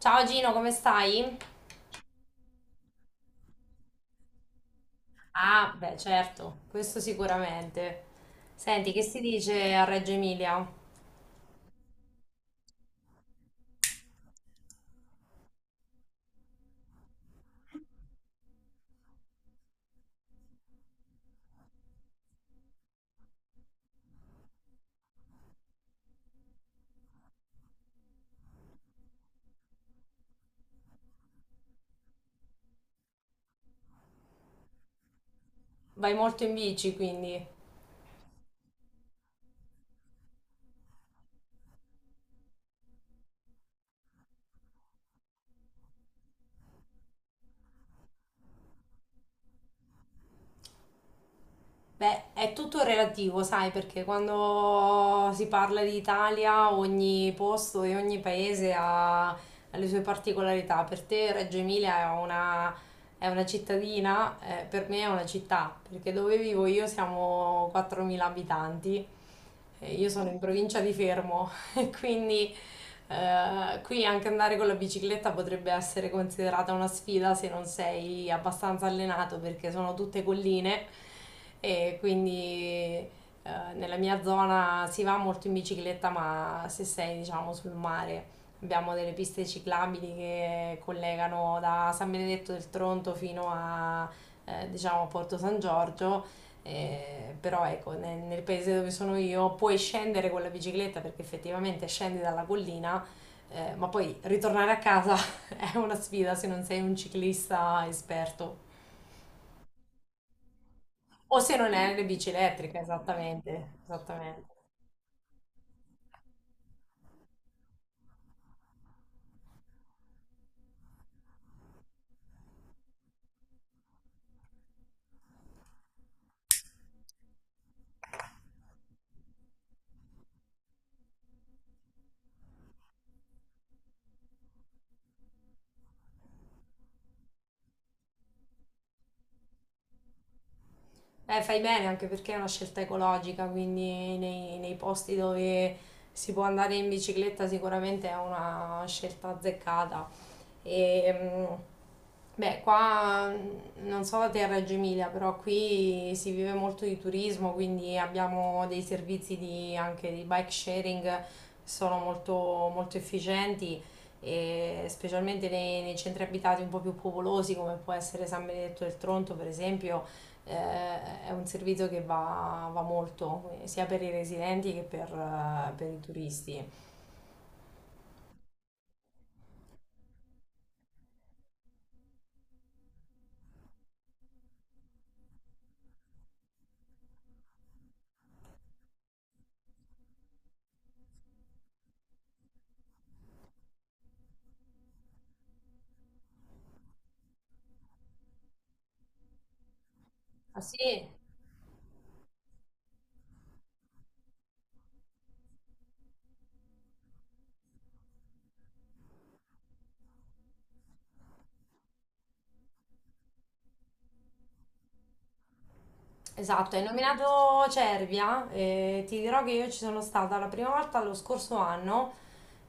Ciao Gino, come stai? Ah, beh, certo, questo sicuramente. Senti, che si dice a Reggio Emilia? Vai molto in bici, quindi. Beh, è tutto relativo, sai, perché quando si parla di Italia, ogni posto e ogni paese ha le sue particolarità. Per te Reggio Emilia è una cittadina, per me è una città, perché dove vivo io siamo 4.000 abitanti. Io sono in provincia di Fermo, quindi qui anche andare con la bicicletta potrebbe essere considerata una sfida se non sei abbastanza allenato perché sono tutte colline e quindi nella mia zona si va molto in bicicletta, ma se sei diciamo sul mare abbiamo delle piste ciclabili che collegano da San Benedetto del Tronto fino a diciamo Porto San Giorgio. Però ecco, nel paese dove sono io puoi scendere con la bicicletta perché effettivamente scendi dalla collina, ma poi ritornare a casa è una sfida se non sei un ciclista esperto o se non hai le bici elettriche, esattamente, esattamente. Fai bene anche perché è una scelta ecologica, quindi nei posti dove si può andare in bicicletta sicuramente è una scelta azzeccata. E, beh, qua non so da te a Reggio Emilia, però qui si vive molto di turismo, quindi abbiamo dei servizi anche di bike sharing che sono molto, molto efficienti. E specialmente nei centri abitati un po' più popolosi come può essere San Benedetto del Tronto, per esempio, è un servizio che va molto, sia per i residenti che per i turisti. Ah, sì? Esatto, hai nominato Cervia e ti dirò che io ci sono stata la prima volta lo scorso anno,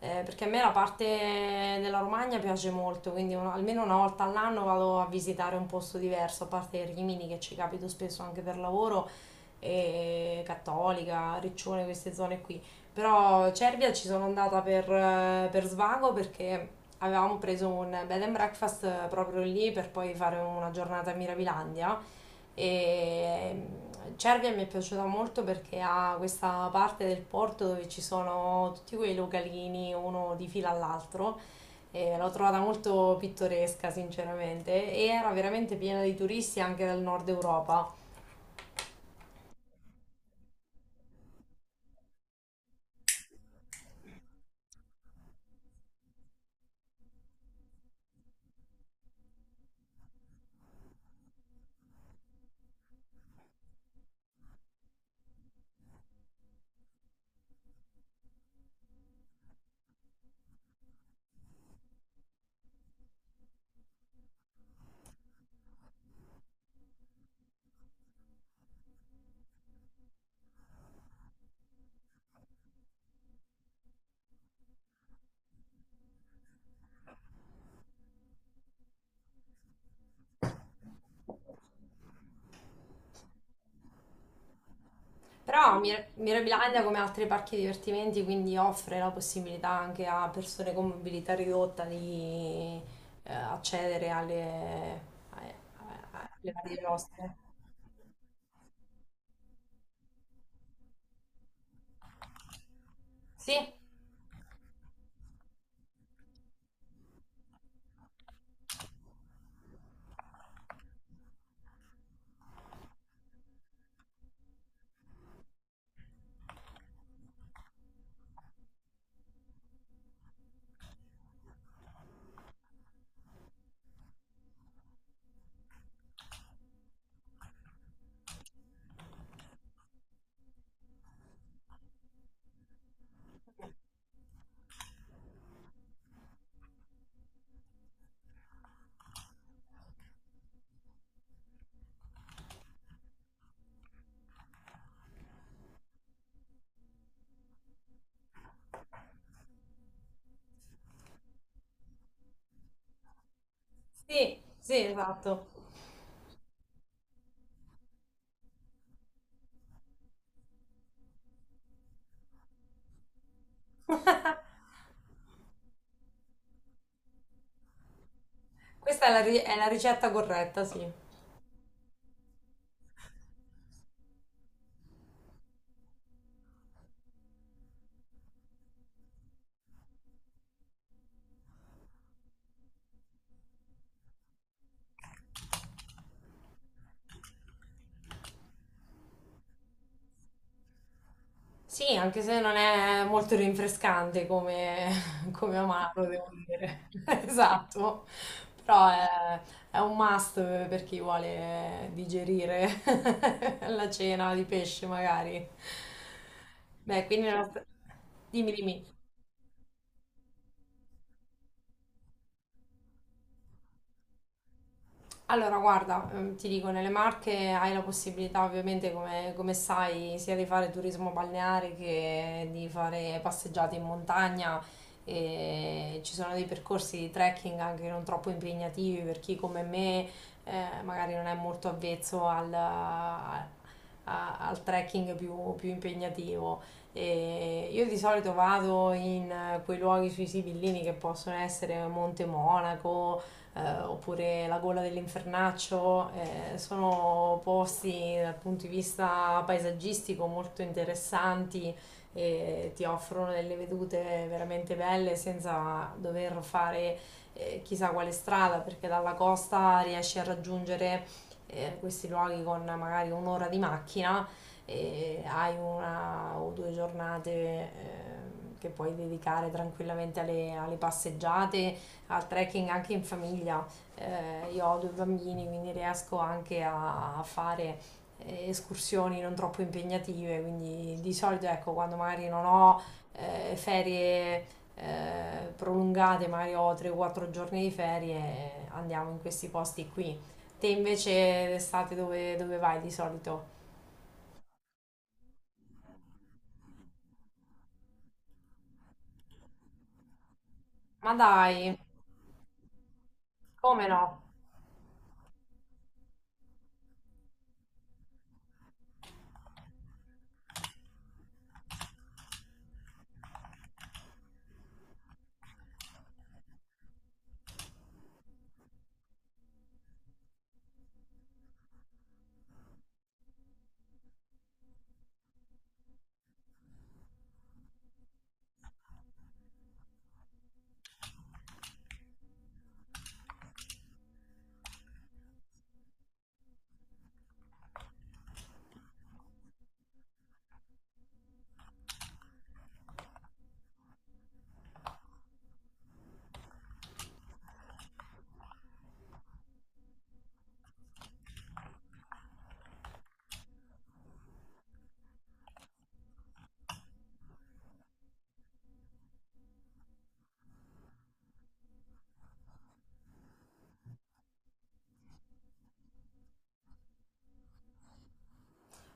perché a me la parte della Romagna piace molto, quindi almeno una volta all'anno vado a visitare un posto diverso, a parte Rimini che ci capito spesso anche per lavoro, e Cattolica, Riccione, queste zone qui. Però Cervia ci sono andata per svago, perché avevamo preso un bed and breakfast proprio lì per poi fare una giornata a Mirabilandia. E Cervia mi è piaciuta molto perché ha questa parte del porto dove ci sono tutti quei localini uno di fila all'altro. E l'ho trovata molto pittoresca, sinceramente, e era veramente piena di turisti anche dal nord Europa. Però Mirabilandia, come altri parchi divertimenti, quindi offre la possibilità anche a persone con mobilità ridotta di accedere a- alle varie mostre. Sì. Sì, esatto. Questa è è la ricetta corretta, sì. Sì, anche se non è molto rinfrescante come, come amaro, devo dire. Esatto. Però è un must per chi vuole digerire la cena di pesce, magari. Beh, quindi, dimmi, dimmi. Allora, guarda, ti dico, nelle Marche hai la possibilità, ovviamente, come sai, sia di fare turismo balneare che di fare passeggiate in montagna. E ci sono dei percorsi di trekking anche non troppo impegnativi per chi come me magari non è molto avvezzo al trekking più impegnativo. E io di solito vado in quei luoghi sui Sibillini, che possono essere Monte Monaco oppure La gola dell'infernaccio. Sono posti dal punto di vista paesaggistico molto interessanti e ti offrono delle vedute veramente belle senza dover fare chissà quale strada, perché dalla costa riesci a raggiungere questi luoghi con magari un'ora di macchina e hai una o due giornate che puoi dedicare tranquillamente alle passeggiate, al trekking anche in famiglia. Io ho due bambini, quindi riesco anche a fare escursioni non troppo impegnative, quindi di solito ecco, quando magari non ho ferie prolungate, magari ho 3-4 giorni di ferie, andiamo in questi posti qui. Te invece d'estate dove vai di solito? Ma dai, come no?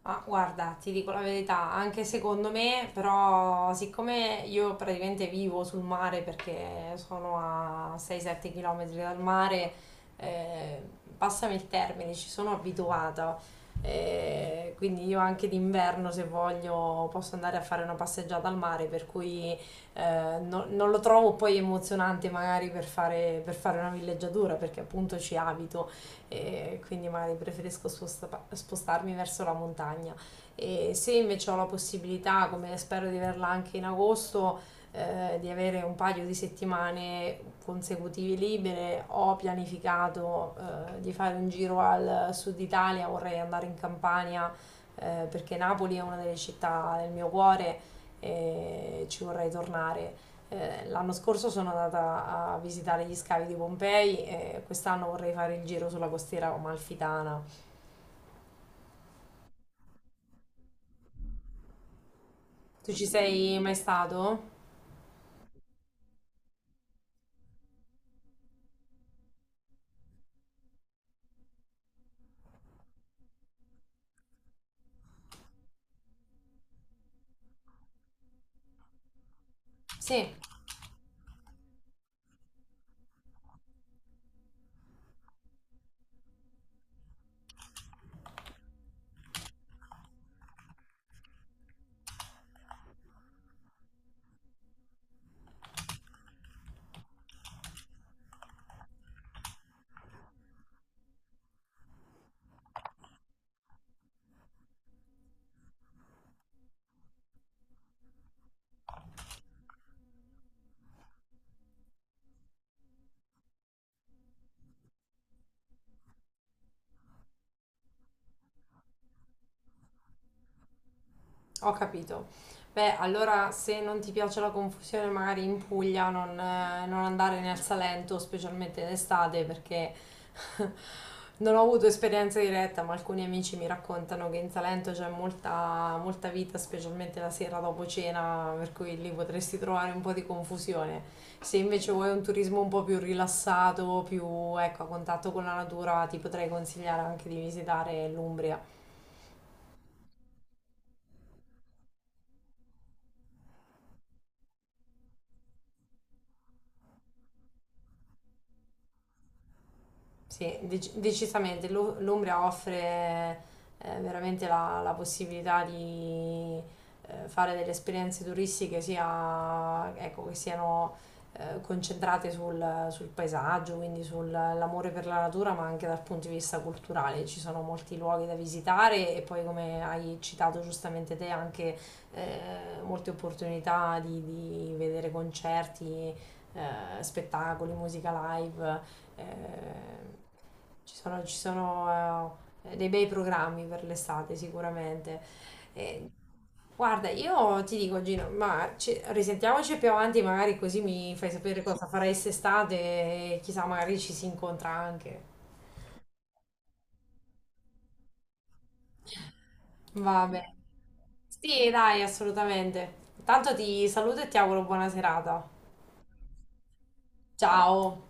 Ah, guarda, ti dico la verità, anche secondo me, però siccome io praticamente vivo sul mare perché sono a 6-7 km dal mare, eh, passami il termine, ci sono abituata. Quindi io anche d'inverno, se voglio, posso andare a fare una passeggiata al mare, per cui non lo trovo poi emozionante magari per fare una villeggiatura, perché appunto ci abito e quindi magari preferisco spostarmi verso la montagna. E se invece ho la possibilità, come spero di averla anche in agosto, di avere un paio di settimane consecutive libere, ho pianificato di fare un giro al sud Italia, vorrei andare in Campania perché Napoli è una delle città del mio cuore e ci vorrei tornare. L'anno scorso sono andata a visitare gli scavi di Pompei e quest'anno vorrei fare il giro sulla costiera amalfitana. Tu ci sei mai stato? Sì. Ho capito. Beh, allora se non ti piace la confusione, magari in Puglia non andare nel Salento, specialmente in estate, perché non ho avuto esperienza diretta, ma alcuni amici mi raccontano che in Salento c'è molta, molta vita, specialmente la sera dopo cena, per cui lì potresti trovare un po' di confusione. Se invece vuoi un turismo un po' più rilassato, più ecco, a contatto con la natura, ti potrei consigliare anche di visitare l'Umbria. Sì, decisamente. L'Umbria offre veramente la possibilità di fare delle esperienze turistiche sia, ecco, che siano concentrate sul paesaggio, quindi sull'amore per la natura, ma anche dal punto di vista culturale. Ci sono molti luoghi da visitare e poi, come hai citato giustamente te, anche molte opportunità di vedere concerti, spettacoli, musica live. Eh, ci sono dei bei programmi per l'estate sicuramente. Eh, Guarda, io ti dico, Gino, ma risentiamoci più avanti, magari così mi fai sapere cosa farai quest'estate e chissà, magari ci si incontra anche. Va bene. Sì, dai, assolutamente. Tanto ti saluto e ti auguro buona serata. Ciao.